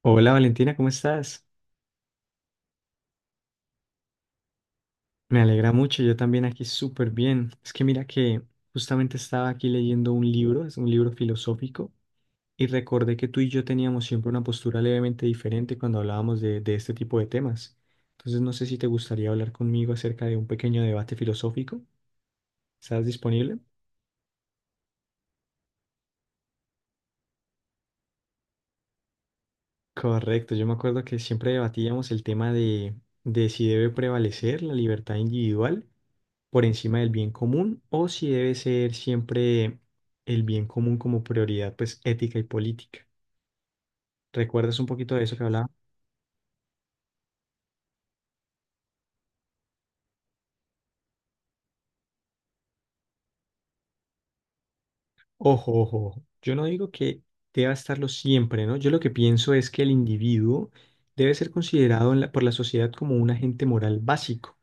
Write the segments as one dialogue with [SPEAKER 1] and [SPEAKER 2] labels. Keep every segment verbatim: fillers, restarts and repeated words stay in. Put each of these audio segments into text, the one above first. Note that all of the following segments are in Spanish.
[SPEAKER 1] Hola Valentina, ¿cómo estás? Me alegra mucho, yo también aquí súper bien. Es que mira que justamente estaba aquí leyendo un libro, es un libro filosófico, y recordé que tú y yo teníamos siempre una postura levemente diferente cuando hablábamos de, de este tipo de temas. Entonces no sé si te gustaría hablar conmigo acerca de un pequeño debate filosófico. ¿Estás disponible? Correcto, yo me acuerdo que siempre debatíamos el tema de, de si debe prevalecer la libertad individual por encima del bien común o si debe ser siempre el bien común como prioridad, pues ética y política. ¿Recuerdas un poquito de eso que hablaba? Ojo, ojo, ojo. Yo no digo que deba estarlo siempre, ¿no? Yo lo que pienso es que el individuo debe ser considerado en la- por la sociedad como un agente moral básico.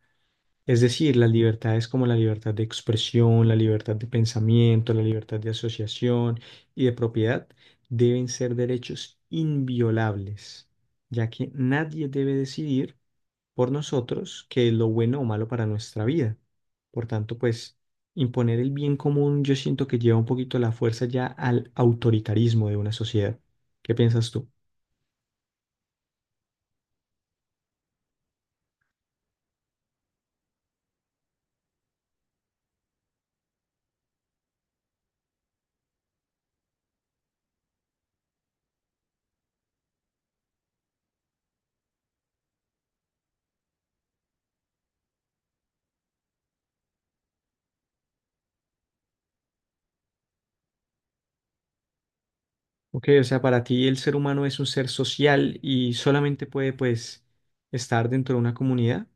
[SPEAKER 1] Es decir, las libertades como la libertad de expresión, la libertad de pensamiento, la libertad de asociación y de propiedad deben ser derechos inviolables, ya que nadie debe decidir por nosotros qué es lo bueno o malo para nuestra vida. Por tanto, pues imponer el bien común yo siento que lleva un poquito la fuerza ya al autoritarismo de una sociedad. ¿Qué piensas tú? Ok, o sea, para ti el ser humano es un ser social y solamente puede, pues, estar dentro de una comunidad.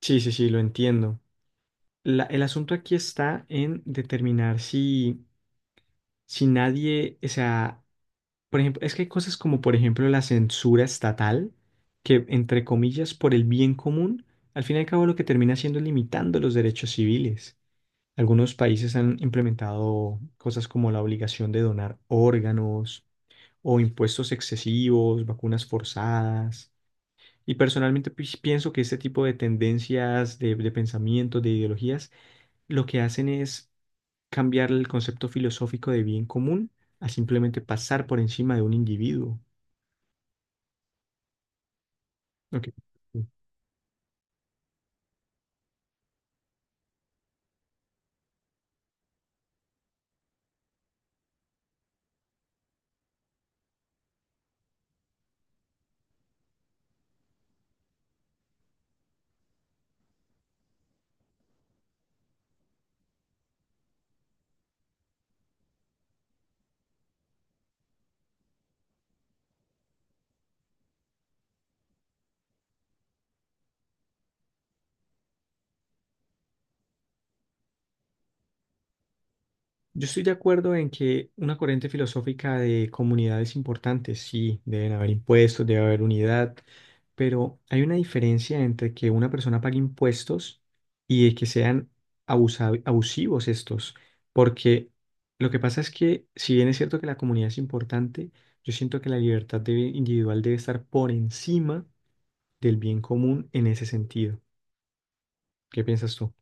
[SPEAKER 1] Sí, sí, sí, lo entiendo. La- el asunto aquí está en determinar si, si nadie, o sea, por ejemplo, es que hay cosas como, por ejemplo, la censura estatal, que, entre comillas, por el bien común, al fin y al cabo lo que termina haciendo es limitando los derechos civiles. Algunos países han implementado cosas como la obligación de donar órganos o impuestos excesivos, vacunas forzadas. Y personalmente pues, pienso que este tipo de tendencias, de, de pensamientos, de ideologías, lo que hacen es cambiar el concepto filosófico de bien común a simplemente pasar por encima de un individuo. Ok. Yo estoy de acuerdo en que una corriente filosófica de comunidad es importante, sí, deben haber impuestos, debe haber unidad, pero hay una diferencia entre que una persona pague impuestos y de que sean abusa- abusivos estos, porque lo que pasa es que si bien es cierto que la comunidad es importante, yo siento que la libertad debe- individual debe estar por encima del bien común en ese sentido. ¿Qué piensas tú?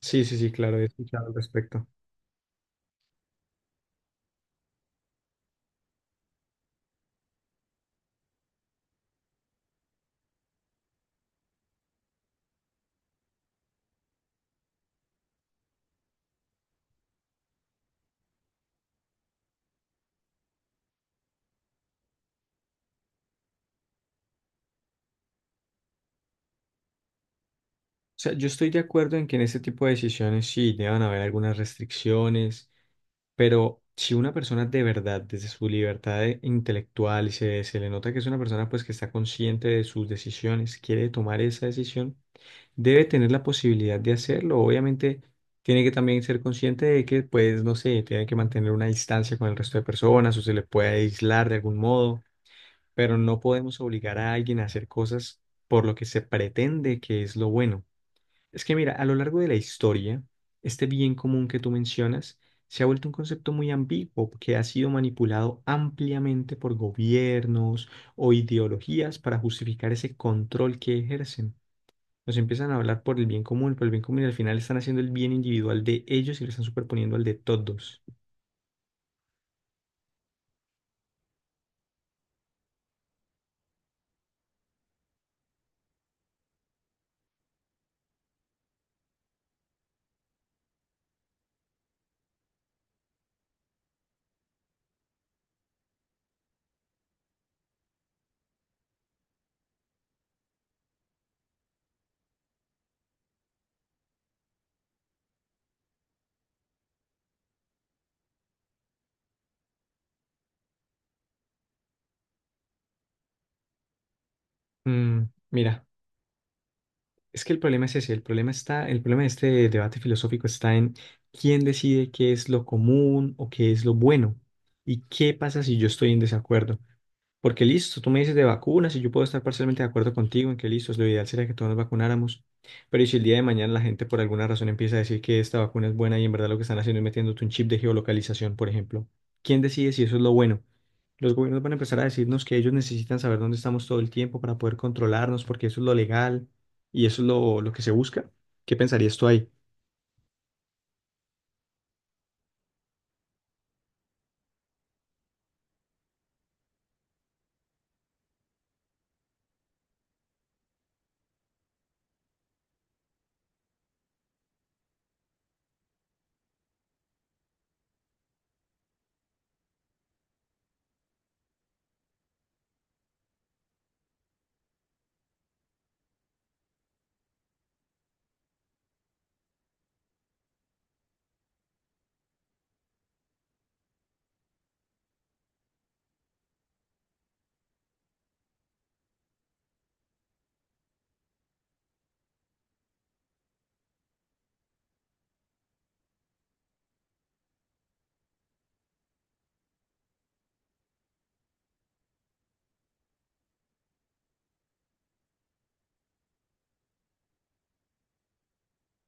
[SPEAKER 1] Sí, sí, sí, claro, he escuchado al respecto. O sea, yo estoy de acuerdo en que en este tipo de decisiones sí deban haber algunas restricciones, pero si una persona de verdad, desde su libertad de- intelectual, y se, se le nota que es una persona pues que está consciente de sus decisiones, quiere tomar esa decisión, debe tener la posibilidad de hacerlo. Obviamente tiene que también ser consciente de que pues no sé, tiene que mantener una distancia con el resto de personas o se le puede aislar de algún modo, pero no podemos obligar a alguien a hacer cosas por lo que se pretende que es lo bueno. Es que mira, a lo largo de la historia, este bien común que tú mencionas se ha vuelto un concepto muy ambiguo que ha sido manipulado ampliamente por gobiernos o ideologías para justificar ese control que ejercen. Nos empiezan a hablar por el bien común, por el bien común y al final están haciendo el bien individual de ellos y lo están superponiendo al de todos. Mm, mira, Es que el problema es ese, el problema está, el problema de este debate filosófico está en quién decide qué es lo común o qué es lo bueno y qué pasa si yo estoy en desacuerdo. Porque listo, tú me dices de vacunas y yo puedo estar parcialmente de acuerdo contigo en que listo, lo ideal sería que todos nos vacunáramos, pero ¿y si el día de mañana la gente por alguna razón empieza a decir que esta vacuna es buena y en verdad lo que están haciendo es metiéndote un chip de geolocalización, por ejemplo? ¿Quién decide si eso es lo bueno? Los gobiernos van a empezar a decirnos que ellos necesitan saber dónde estamos todo el tiempo para poder controlarnos, porque eso es lo legal y eso es lo, lo que se busca. ¿Qué pensarías tú ahí?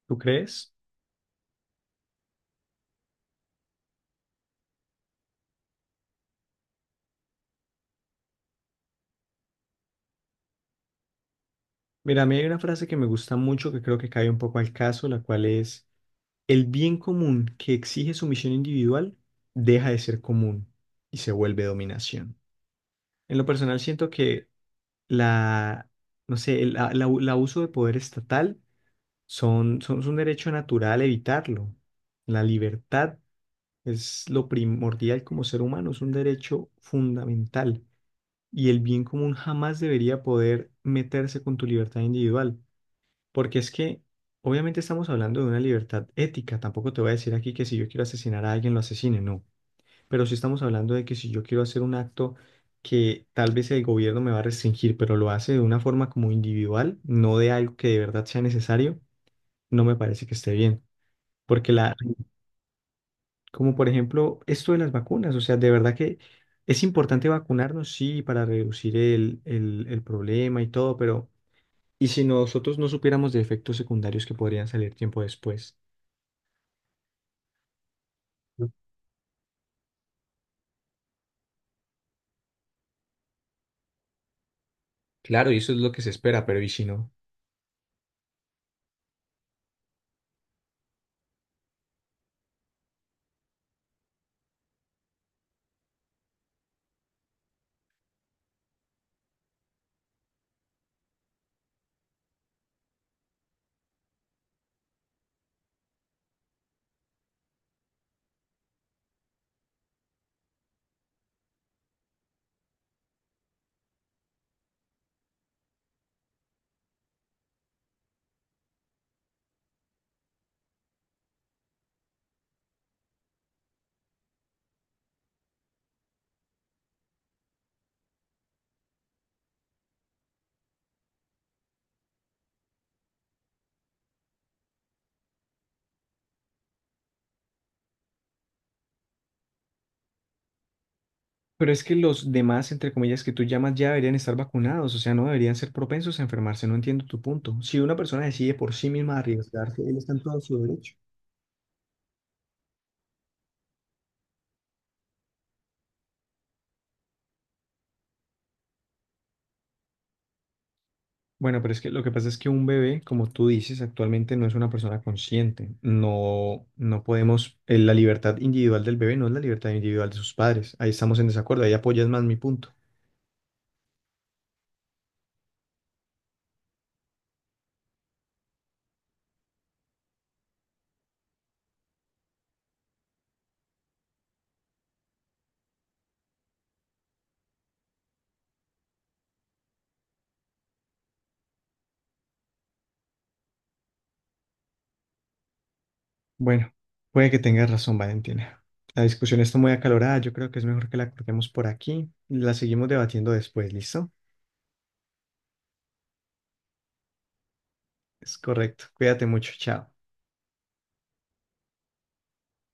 [SPEAKER 1] ¿Tú crees? Mira, a mí hay una frase que me gusta mucho que creo que cae un poco al caso, la cual es, el bien común que exige sumisión individual deja de ser común y se vuelve dominación. En lo personal siento que la, no sé, el la- la- el abuso de poder estatal son, son, es un derecho natural evitarlo. La libertad es lo primordial como ser humano, es un derecho fundamental y el bien común jamás debería poder meterse con tu libertad individual, porque es que obviamente estamos hablando de una libertad ética, tampoco te voy a decir aquí que si yo quiero asesinar a alguien lo asesine, no, pero sí estamos hablando de que si yo quiero hacer un acto que tal vez el gobierno me va a restringir, pero lo hace de una forma como individual, no de algo que de verdad sea necesario, no me parece que esté bien, porque la como por ejemplo esto de las vacunas. O sea, de verdad que es importante vacunarnos, sí, para reducir el, el, el problema y todo, pero ¿y si nosotros no supiéramos de efectos secundarios que podrían salir tiempo después? Claro, y eso es lo que se espera, pero ¿y si no? Pero es que los demás, entre comillas, que tú llamas ya deberían estar vacunados, o sea, no deberían ser propensos a enfermarse, no entiendo tu punto. Si una persona decide por sí misma arriesgarse, él está en todo su derecho. Bueno, pero es que lo que pasa es que un bebé, como tú dices, actualmente no es una persona consciente. No, no podemos, eh, la libertad individual del bebé no es la libertad individual de sus padres. Ahí estamos en desacuerdo, ahí apoyas más mi punto. Bueno, puede que tengas razón, Valentina. La discusión está muy acalorada, yo creo que es mejor que la cortemos por aquí. La seguimos debatiendo después, ¿listo? Es correcto. Cuídate mucho, chao.